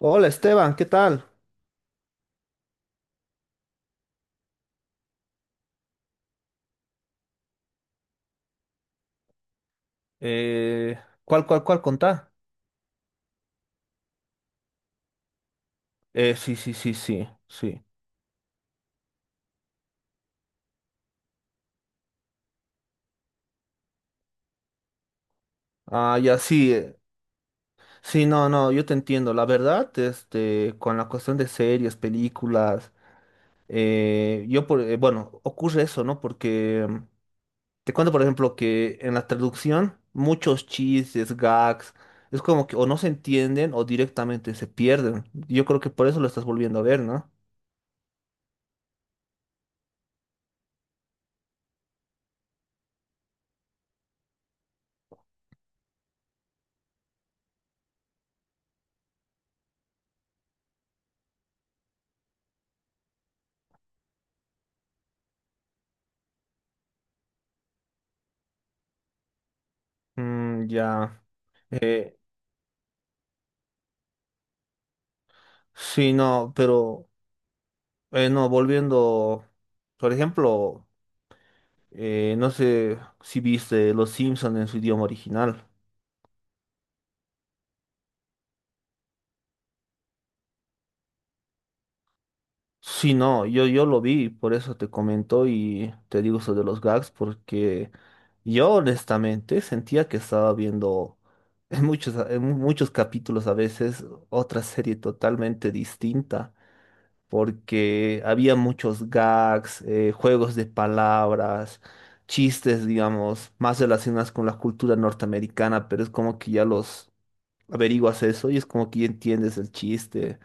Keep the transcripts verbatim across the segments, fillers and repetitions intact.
Hola Esteban, ¿qué tal? Eh, ¿cuál, cuál, cuál contá? Eh, sí, sí, sí, sí, sí. Ah, ya sí. eh, Sí, no, no, yo te entiendo. La verdad, este, con la cuestión de series, películas, eh, yo por, eh, bueno, ocurre eso, ¿no? Porque mm, te cuento, por ejemplo, que en la traducción muchos chistes, gags, es como que o no se entienden o directamente se pierden. Yo creo que por eso lo estás volviendo a ver, ¿no? Mm, ya. Eh, sí, no, pero bueno, volviendo, por ejemplo, eh, no sé si viste Los Simpsons en su idioma original. Sí, no, yo, yo lo vi, por eso te comento y te digo sobre los gags, porque yo honestamente sentía que estaba viendo en muchos, en muchos capítulos a veces otra serie totalmente distinta. Porque había muchos gags, eh, juegos de palabras, chistes, digamos, más relacionados con la cultura norteamericana, pero es como que ya los averiguas eso y es como que ya entiendes el chiste.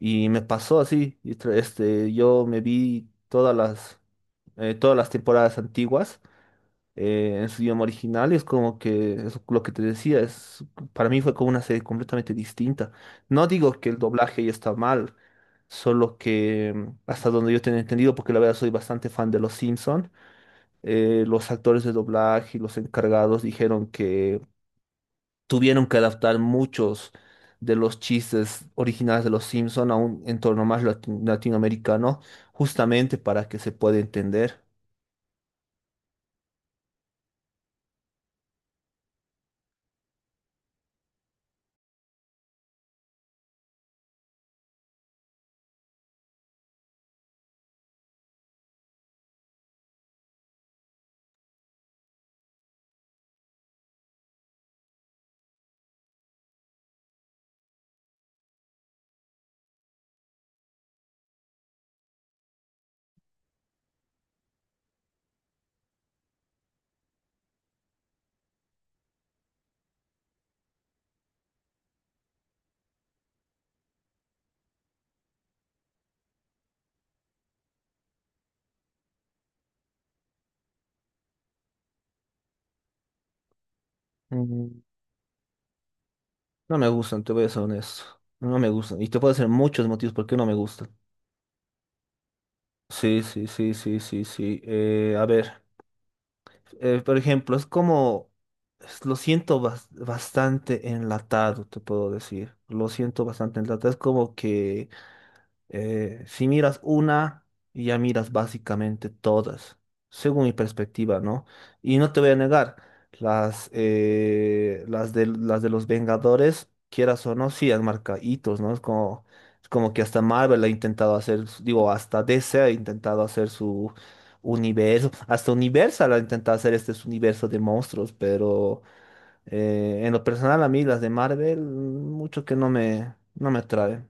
Y me pasó así, y tra- este, yo me vi todas las, eh, todas las temporadas antiguas eh, en su idioma original, es como que es lo que te decía, es, para mí fue como una serie completamente distinta. No digo que el doblaje ya está mal, solo que mm, hasta donde yo tengo entendido, porque la verdad soy bastante fan de Los Simpson, eh, los actores de doblaje y los encargados dijeron que tuvieron que adaptar muchos de los chistes originales de Los Simpson a un entorno más lati- latinoamericano, justamente para que se pueda entender. No me gustan, te voy a ser honesto. No me gustan. Y te puedo decir muchos motivos por qué no me gustan. Sí, sí, sí, sí, sí, sí. Eh, a ver, eh, por ejemplo, es como, es- lo siento bas- bastante enlatado, te puedo decir. Lo siento bastante enlatado. Es como que... Eh, si miras una, ya miras básicamente todas, según mi perspectiva, ¿no? Y no te voy a negar, las, eh, las de, las de los Vengadores, quieras o no, sí han marcado hitos, ¿no? Es como, es como que hasta Marvel ha intentado hacer, su- digo, hasta D C ha intentado hacer su universo, hasta Universal ha intentado hacer este su universo de monstruos, pero eh, en lo personal a mí las de Marvel, mucho que no me, no me atraen.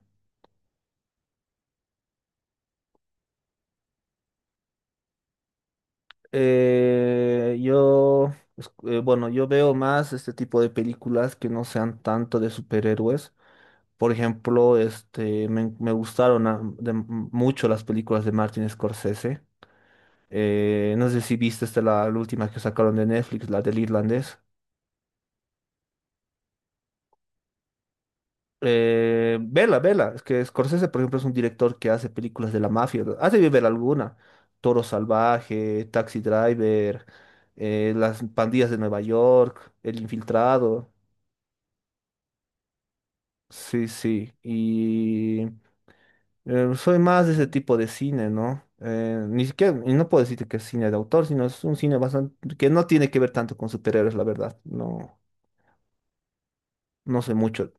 Eh, yo, es- eh, bueno, yo veo más este tipo de películas que no sean tanto de superhéroes. Por ejemplo, este, me, me gustaron ah, de- mucho las películas de Martin Scorsese. Eh, no sé si viste esta, la, la última que sacaron de Netflix, la del irlandés. Eh, vela, vela. Es que Scorsese, por ejemplo, es un director que hace películas de la mafia. Has de ver alguna. Toro Salvaje, Taxi Driver, eh, las pandillas de Nueva York, El Infiltrado. Sí, sí. Y eh, soy más de ese tipo de cine, ¿no? Eh, ni siquiera, y no puedo decirte que es cine de autor, sino es un cine bastante que no tiene que ver tanto con superhéroes, la verdad. No, no sé mucho.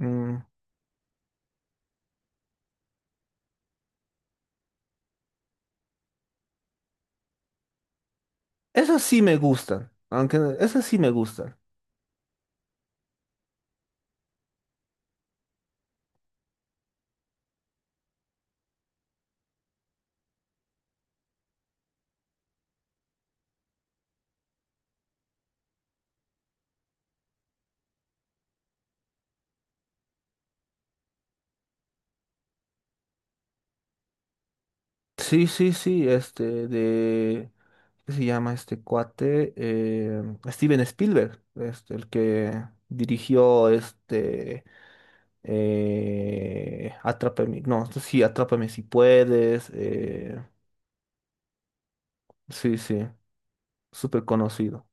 Mm, esas sí me gustan, aunque no, esas sí me gustan. Sí, sí, sí, este de ¿qué se llama este cuate? Eh, Steven Spielberg, este, el que dirigió este eh, Atrápame, no, sí, Atrápame si puedes. eh, sí, sí, súper conocido.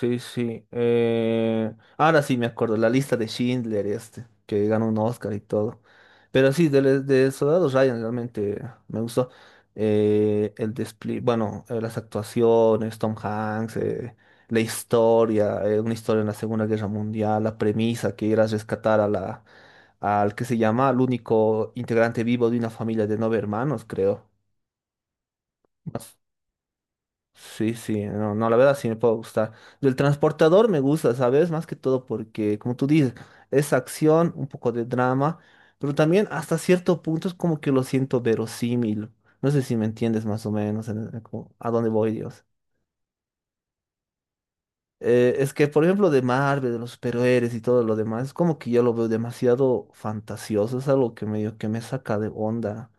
Sí, sí. eh, Ahora sí me acuerdo, la lista de Schindler, este, que ganó un Oscar y todo. Pero sí, de, de Soldado Ryan realmente me gustó. eh, el despliegue, bueno, eh, las actuaciones, Tom Hanks, eh, la historia, eh, una historia en la Segunda Guerra Mundial, la premisa que era rescatar a la, al que se llama, al único integrante vivo de una familia de nueve hermanos, creo. Sí, sí, no, no, la verdad sí me puede gustar. Del transportador me gusta, ¿sabes? Más que todo porque, como tú dices, es acción, un poco de drama, pero también hasta cierto punto es como que lo siento verosímil. No sé si me entiendes más o menos en- en como- a dónde voy, Dios. Eh, es que, por ejemplo, de Marvel, de los superhéroes y todo lo demás, es como que yo lo veo demasiado fantasioso, es algo que medio que me saca de onda.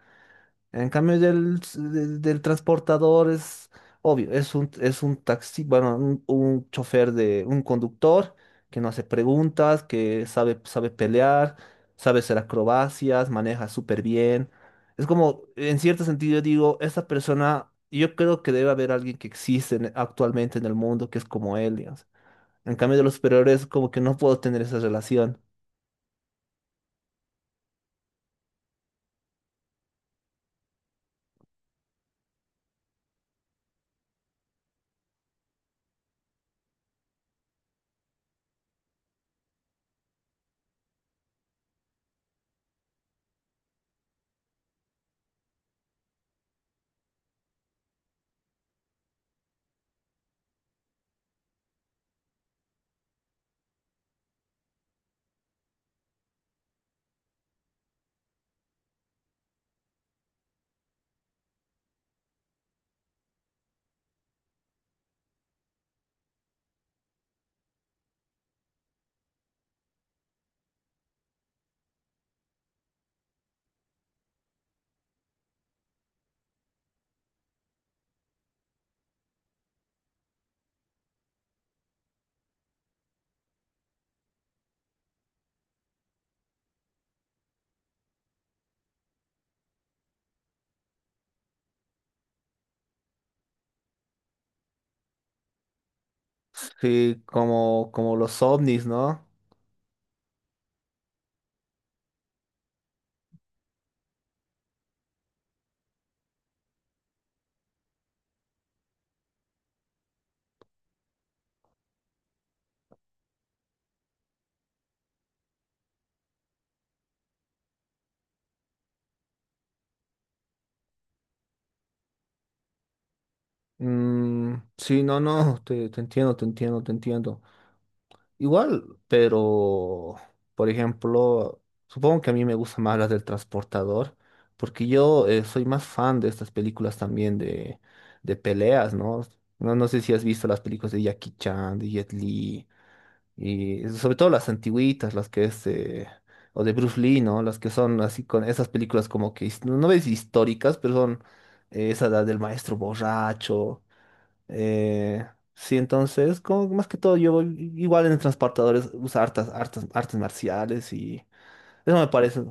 En cambio del, s- de- del transportador es obvio, es un, es un taxi, bueno, un, un chofer de un conductor que no hace preguntas, que sabe, sabe pelear, sabe hacer acrobacias, maneja súper bien. Es como, en cierto sentido, digo, esta persona, yo creo que debe haber alguien que existe en- actualmente en el mundo que es como él, digamos. En cambio de los superiores, como que no puedo tener esa relación. Sí, como, como los ovnis, ¿no? Mm, sí, no, no, te, te entiendo, te entiendo, te entiendo. Igual, pero, por ejemplo, supongo que a mí me gustan más las del transportador, porque yo eh, soy más fan de estas películas también de, de peleas, ¿no? ¿No? No sé si has visto las películas de Jackie Chan, de Jet Li, y sobre todo las antiguitas, las que es, eh, o de Bruce Lee, ¿no? Las que son así con esas películas como que, his- no, no ves históricas, pero son eh, esa edad del maestro borracho. Eh, sí, entonces, como que más que todo, yo voy- igual en transportadores uso hartas, hartas, artes marciales y eso me parece.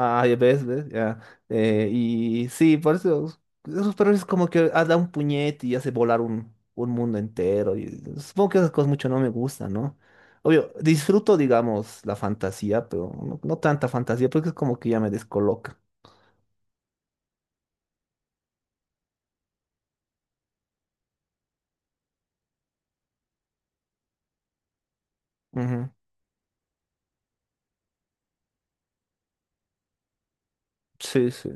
Ah, ya ves, ves, ya. Eh, y sí, por eso esos perros es como que ah, da un puñete y hace volar un, un mundo entero. Y supongo que esas cosas mucho no me gustan, ¿no? Obvio, disfruto, digamos, la fantasía, pero no, no tanta fantasía, porque es como que ya me descoloca. Ujú. Sí, sí.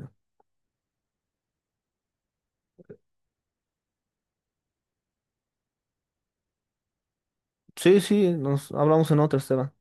Sí, sí, nos hablamos en otra, Esteban.